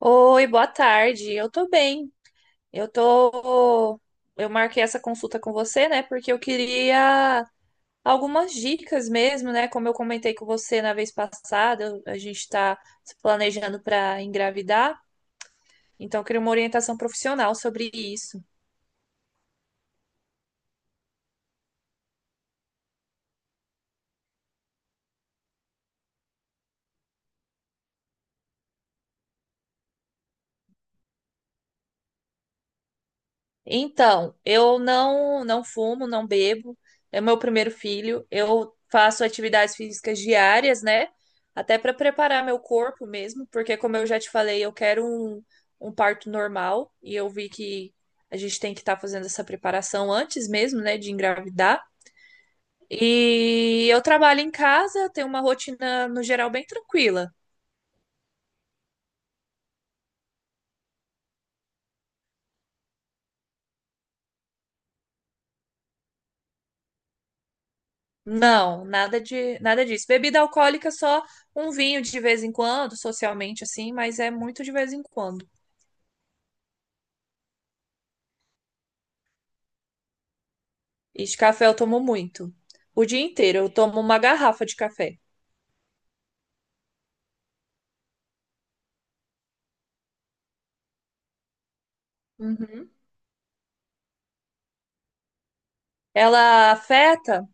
Oi, boa tarde. Eu tô bem. Eu tô. Eu marquei essa consulta com você, né? Porque eu queria algumas dicas mesmo, né? Como eu comentei com você na vez passada, a gente tá se planejando para engravidar, então eu queria uma orientação profissional sobre isso. Então, eu não fumo, não bebo. É meu primeiro filho. Eu faço atividades físicas diárias, né? Até para preparar meu corpo mesmo, porque como eu já te falei, eu quero um parto normal e eu vi que a gente tem que estar fazendo essa preparação antes mesmo, né, de engravidar. E eu trabalho em casa, tenho uma rotina no geral bem tranquila. Não, nada de nada disso. Bebida alcoólica só um vinho de vez em quando, socialmente assim, mas é muito de vez em quando. E de café eu tomo muito. O dia inteiro eu tomo uma garrafa de café. Uhum. Ela afeta?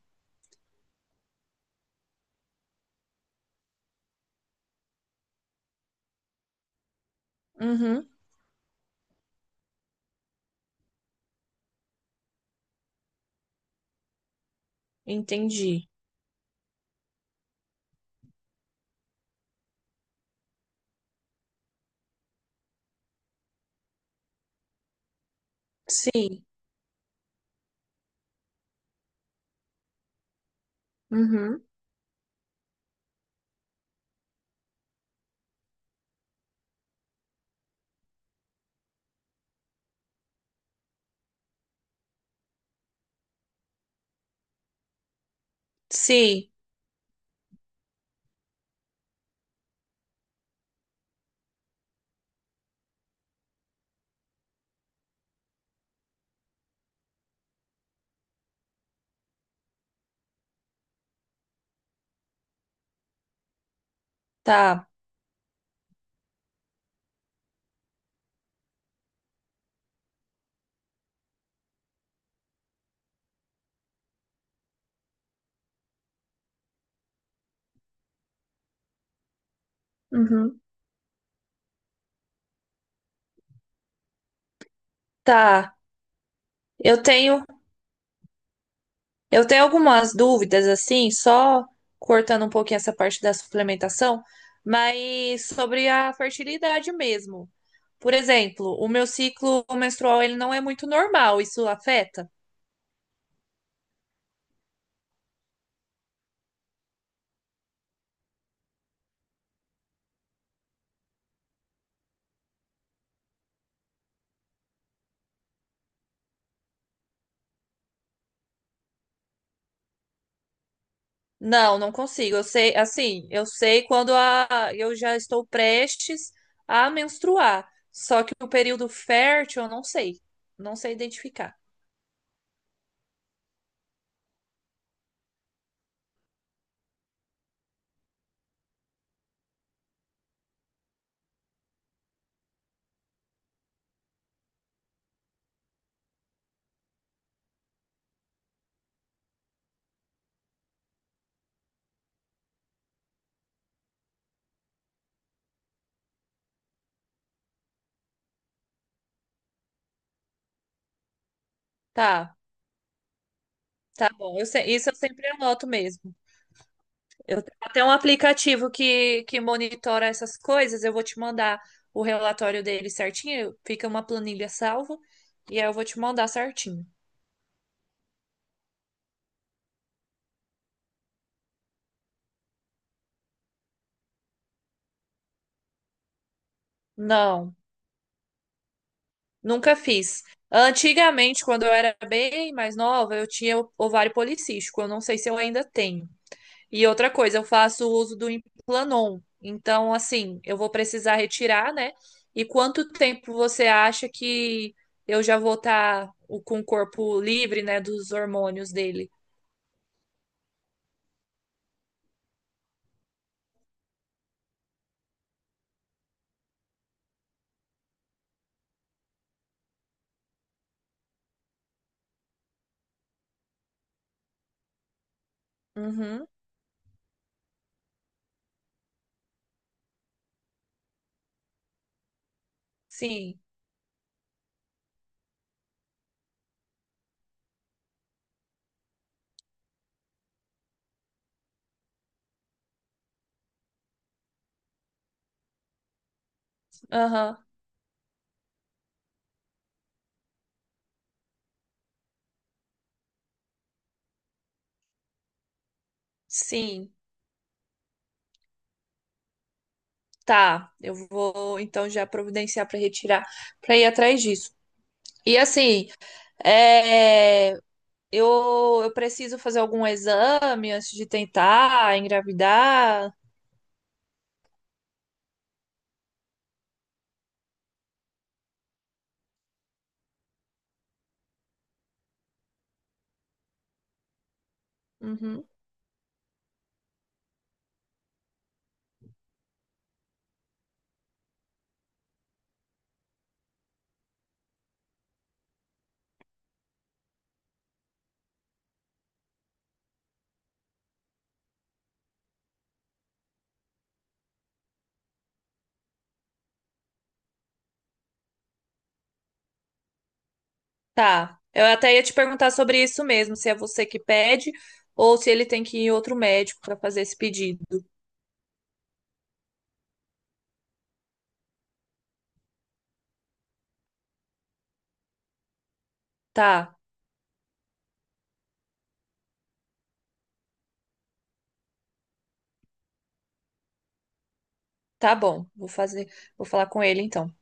Uhum. Entendi. Sim. Uhum. Sim, tá. Uhum. Tá. Eu tenho Eu tenho algumas dúvidas, assim, só cortando um pouquinho essa parte da suplementação, mas sobre a fertilidade mesmo. Por exemplo, o meu ciclo menstrual ele não é muito normal, isso afeta? Não, não consigo. Eu sei, assim, eu sei quando a, eu já estou prestes a menstruar, só que o período fértil eu não sei, não sei identificar. Tá, tá bom. Isso eu sempre anoto mesmo. Eu tenho até um aplicativo que monitora essas coisas. Eu vou te mandar o relatório dele certinho. Fica uma planilha salva. E aí eu vou te mandar certinho. Não, nunca fiz. Antigamente, quando eu era bem mais nova, eu tinha ovário policístico. Eu não sei se eu ainda tenho. E outra coisa, eu faço uso do Implanon. Então, assim, eu vou precisar retirar, né? E quanto tempo você acha que eu já vou estar com o corpo livre, né, dos hormônios dele? Uhum. Sim. Aham. Sim. Tá. Eu vou então já providenciar para retirar, para ir atrás disso. E assim, é, eu preciso fazer algum exame antes de tentar engravidar? Uhum. Tá. Eu até ia te perguntar sobre isso mesmo, se é você que pede ou se ele tem que ir em outro médico para fazer esse pedido. Tá, tá bom. Vou fazer, vou falar com ele então.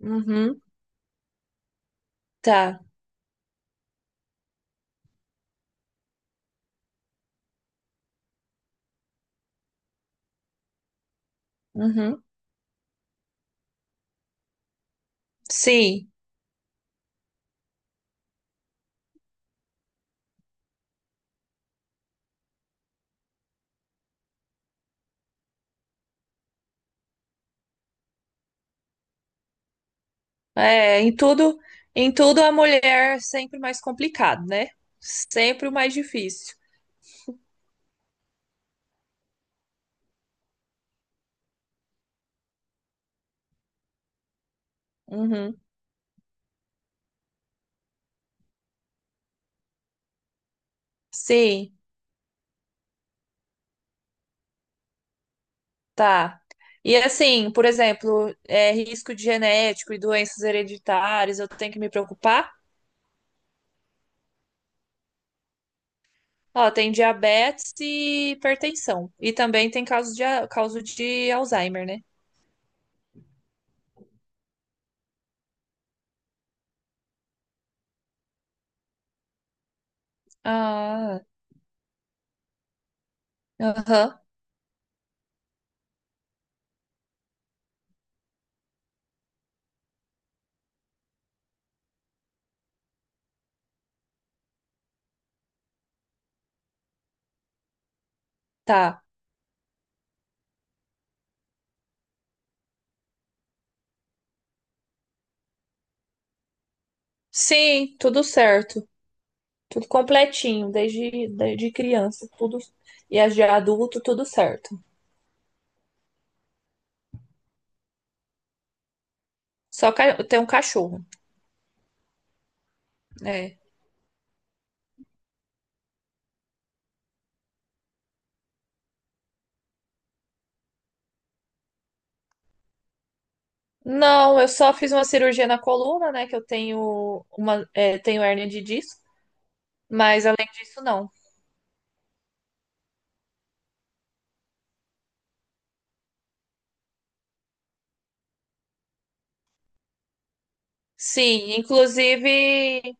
Uhum, tá. Uhum. Sim. É, em tudo a mulher é sempre mais complicado, né? Sempre o mais difícil. Uhum. Sim, tá. E assim, por exemplo, risco de genético e doenças hereditárias, eu tenho que me preocupar? Ó, tem diabetes e hipertensão. E também tem caso de, caso de Alzheimer, né? Ah, aham, tá. Sim, tudo certo. Tudo completinho, desde, criança, tudo. E as de adulto, tudo certo. Tem um cachorro, né? Não, eu só fiz uma cirurgia na coluna, né? Que eu tenho uma, tenho hérnia de disco, mas além disso, não. Sim, inclusive,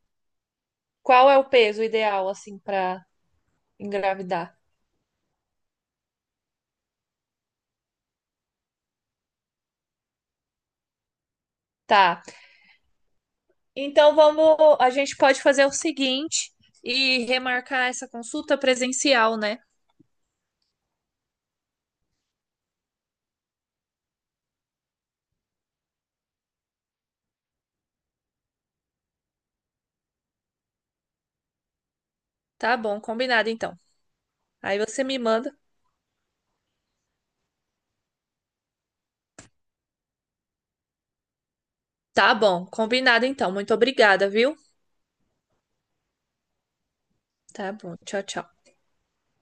qual é o peso ideal, assim, para engravidar? Tá. Então vamos, a gente pode fazer o seguinte e remarcar essa consulta presencial, né? Tá bom, combinado então. Aí você me manda. Tá bom, combinado então. Muito obrigada, viu? Tá bom, tchau, tchau.